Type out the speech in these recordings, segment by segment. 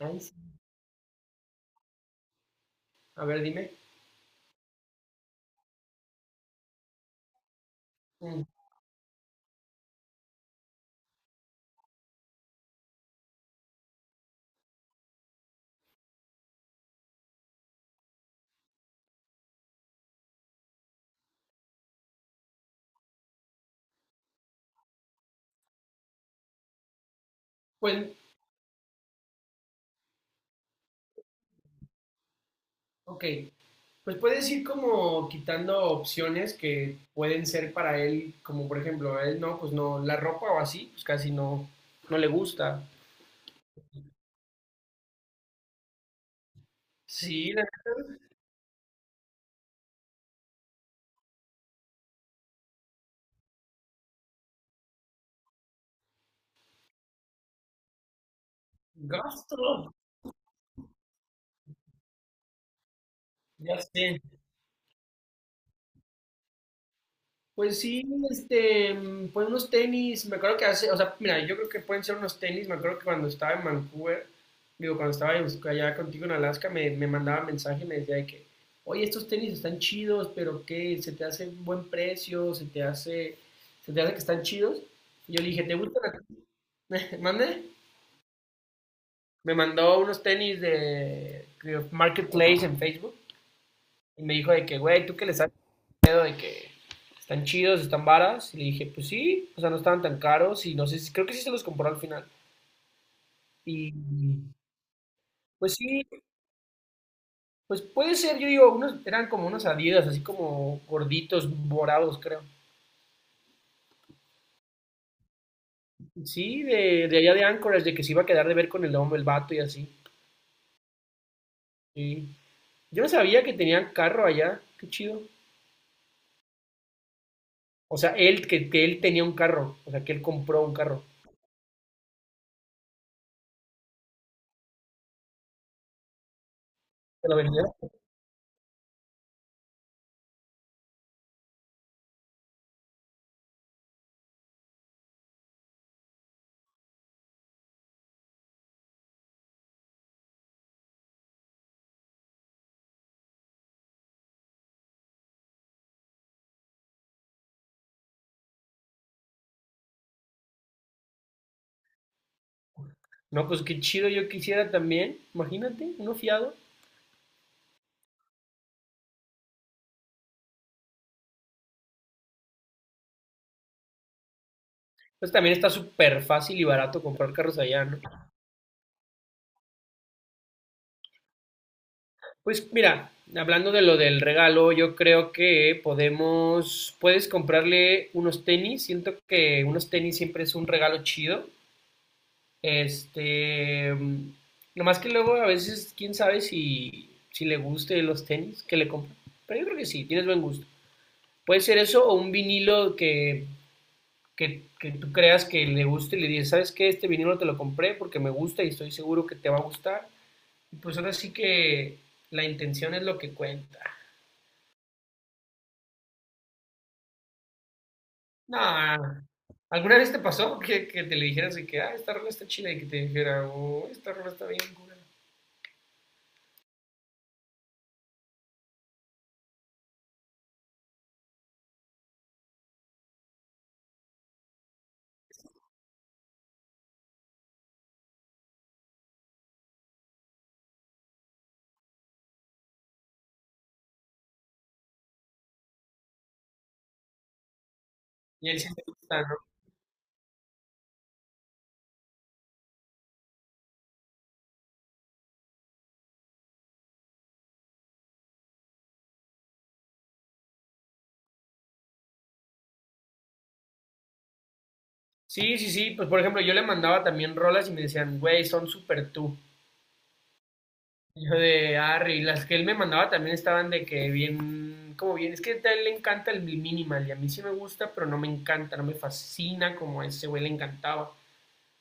Ay, sí. A ver, dime. Mm, Pues, ok. Pues puedes ir como quitando opciones que pueden ser para él, como por ejemplo, a él no, pues no, la ropa o así, pues casi no, no le gusta. Sí, la- gasto. Ya sé. Pues sí, pues unos tenis, me acuerdo que hace, o sea, mira, yo creo que pueden ser unos tenis, me acuerdo que cuando estaba en Vancouver, digo, cuando estaba en- allá contigo en Alaska, me mandaba mensaje y me decía de que, oye, estos tenis están chidos, pero ¿qué? ¿Se te hace un buen precio? ¿Se te hace que están chidos? Y yo le dije, ¿te gustan a ti? ¿Mande? Me mandó unos tenis de Marketplace en Facebook y me dijo de que, güey, ¿tú qué les haces? Pedo de que están chidos, están varas. Y le dije, pues sí, o sea, no estaban tan caros y no sé, si- creo que sí se los compró al final. Y pues sí, pues puede ser, yo digo, unos eran como unos Adidas, así como gorditos, morados, creo. Sí, de allá de Anchorage, de que se iba a quedar de ver con el hombre, el vato y así. Sí. Yo no sabía que tenían carro allá, qué chido. O sea, que él tenía un carro, o sea, que él compró un carro. ¿Te lo vendió? No, pues qué chido, yo quisiera también, imagínate, uno fiado. Entonces también está súper fácil y barato comprar carros allá, ¿no? Pues mira, hablando de lo del regalo, yo creo que puedes comprarle unos tenis. Siento que unos tenis siempre es un regalo chido. Este, nomás que luego a veces, quién sabe si le guste los tenis que le compran. Pero yo creo que sí, tienes buen gusto. Puede ser eso o un vinilo que tú creas que le guste y le dices, ¿sabes qué? Este vinilo te lo compré porque me gusta y estoy seguro que te va a gustar. Pues ahora sí que la intención es lo que cuenta. No, ¿alguna vez te pasó que te le dijeras de que, ah, esta rola está chida y que te dijera, oh, esta rola está bien, cura? Y él sí te gusta, ¿no? Sí, sí, sí, pues por ejemplo, yo le mandaba también rolas y me decían, güey, son súper tú. Y yo de Harry, las que él me mandaba también estaban de que bien, como bien, es que a él le encanta el minimal y a mí sí me gusta, pero no me encanta, no me fascina como a ese güey le encantaba.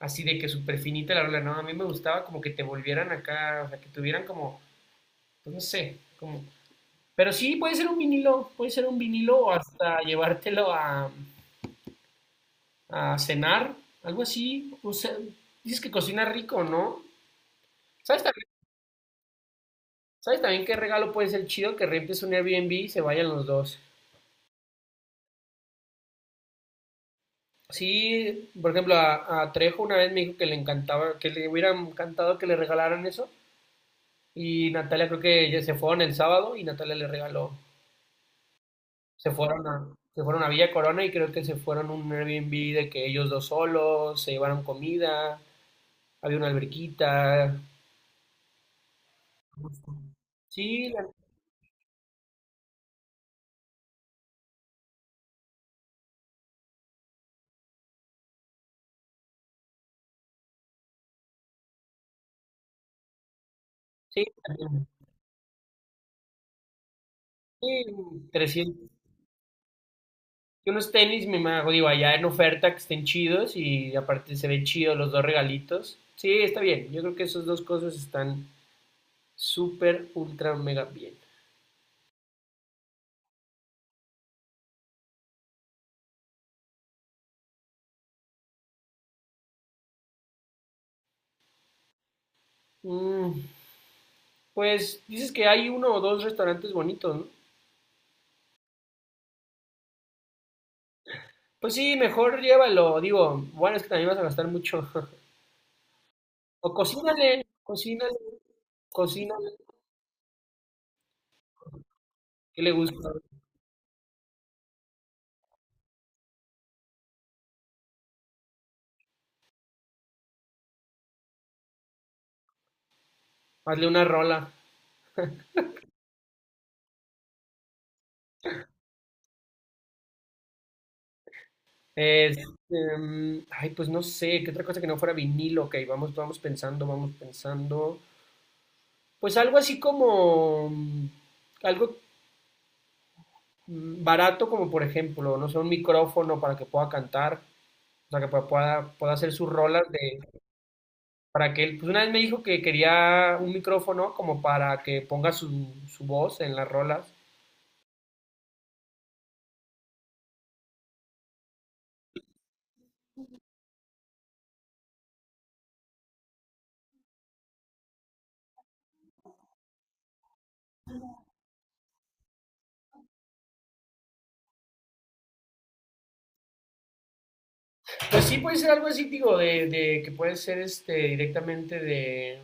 Así de que súper finita la rola, no, a mí me gustaba como que te volvieran acá, o sea, que tuvieran como, pues no sé, como... Pero sí, puede ser un vinilo, puede ser un vinilo o hasta llevártelo a cenar, algo así. O sea, dices que cocina rico, ¿no? ¿Sabes también, ¿Sabes también qué regalo puede ser chido? Que rentes un Airbnb y se vayan los dos. Sí, por ejemplo, a Trejo una vez me dijo que le encantaba, que le hubiera encantado que le regalaran eso. Y Natalia creo que ya se fueron el sábado y Natalia le regaló se fueron a, se fueron a Villa Corona y creo que se fueron a un Airbnb de que ellos dos solos, se llevaron comida, había una alberquita. Sí, la- sí, también. Sí, 300. Y unos tenis, me imagino, digo, allá en oferta que estén chidos y aparte se ven chidos los dos regalitos. Sí, está bien. Yo creo que esas dos cosas están súper, ultra, mega bien. Mm, pues dices que hay uno o dos restaurantes bonitos, ¿no? Pues sí, mejor llévalo, digo, bueno, es que también vas a gastar mucho. O cocínale, cocínale, cocínale, qué le gusta, hazle una rola. Este, pues no sé, qué otra cosa que no fuera vinilo, ok, vamos, vamos pensando, vamos pensando. Pues algo así como, algo barato como por ejemplo, no sé, un micrófono para que pueda cantar, o sea, que pueda hacer sus rolas para que él, pues una vez me dijo que quería un micrófono como para que ponga su voz en las rolas. Pues sí, puede ser algo así, digo, de que puede ser este directamente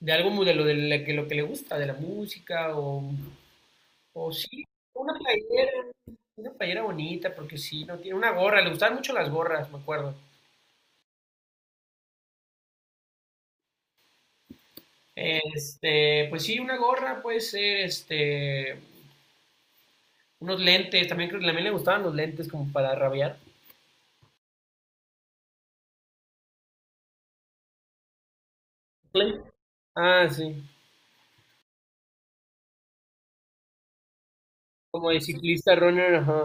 de algo muy de lo, de la que, lo que le gusta, de la música o sí, una playera, una playera bonita, porque sí, no tiene una gorra, le gustaban mucho las gorras, me acuerdo. Este, pues sí, una gorra puede ser, este, unos lentes, también creo que también le gustaban los lentes como para rabiar. Lentes. Ah, sí. Como de ciclista runner, ajá.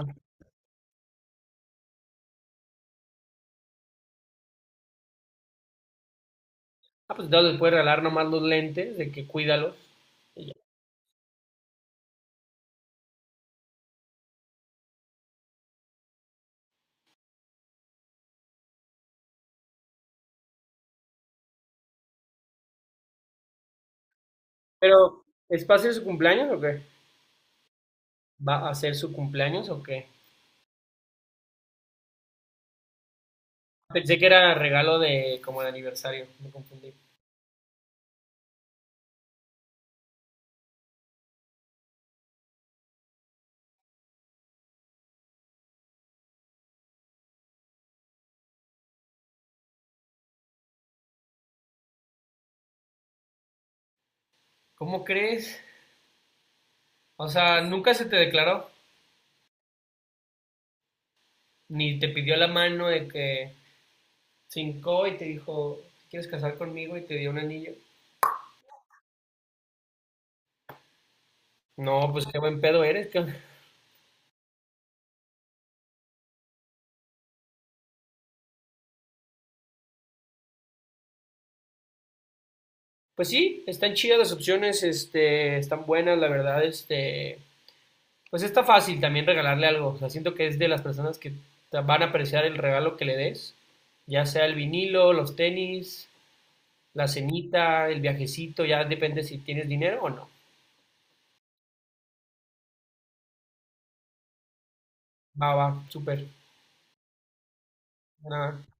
Ah, pues entonces les puedes regalar nomás los lentes, de que cuídalos. Y ya. Pero, ¿es para hacer su cumpleaños o qué? ¿Va a hacer su cumpleaños o qué? Pensé que era regalo de como de aniversario, me confundí. ¿Cómo crees? O sea, nunca se te declaró, ni te pidió la mano de que cincó y te dijo, ¿quieres casar conmigo? Y te dio un anillo. No, pues qué buen pedo eres. Qué- pues sí, están chidas las opciones, este, están buenas, la verdad, este, pues está fácil también regalarle algo. O sea, siento que es de las personas que van a apreciar el regalo que le des, ya sea el vinilo, los tenis, la cenita, el viajecito, ya depende si tienes dinero o no. Va, va, súper. Nada.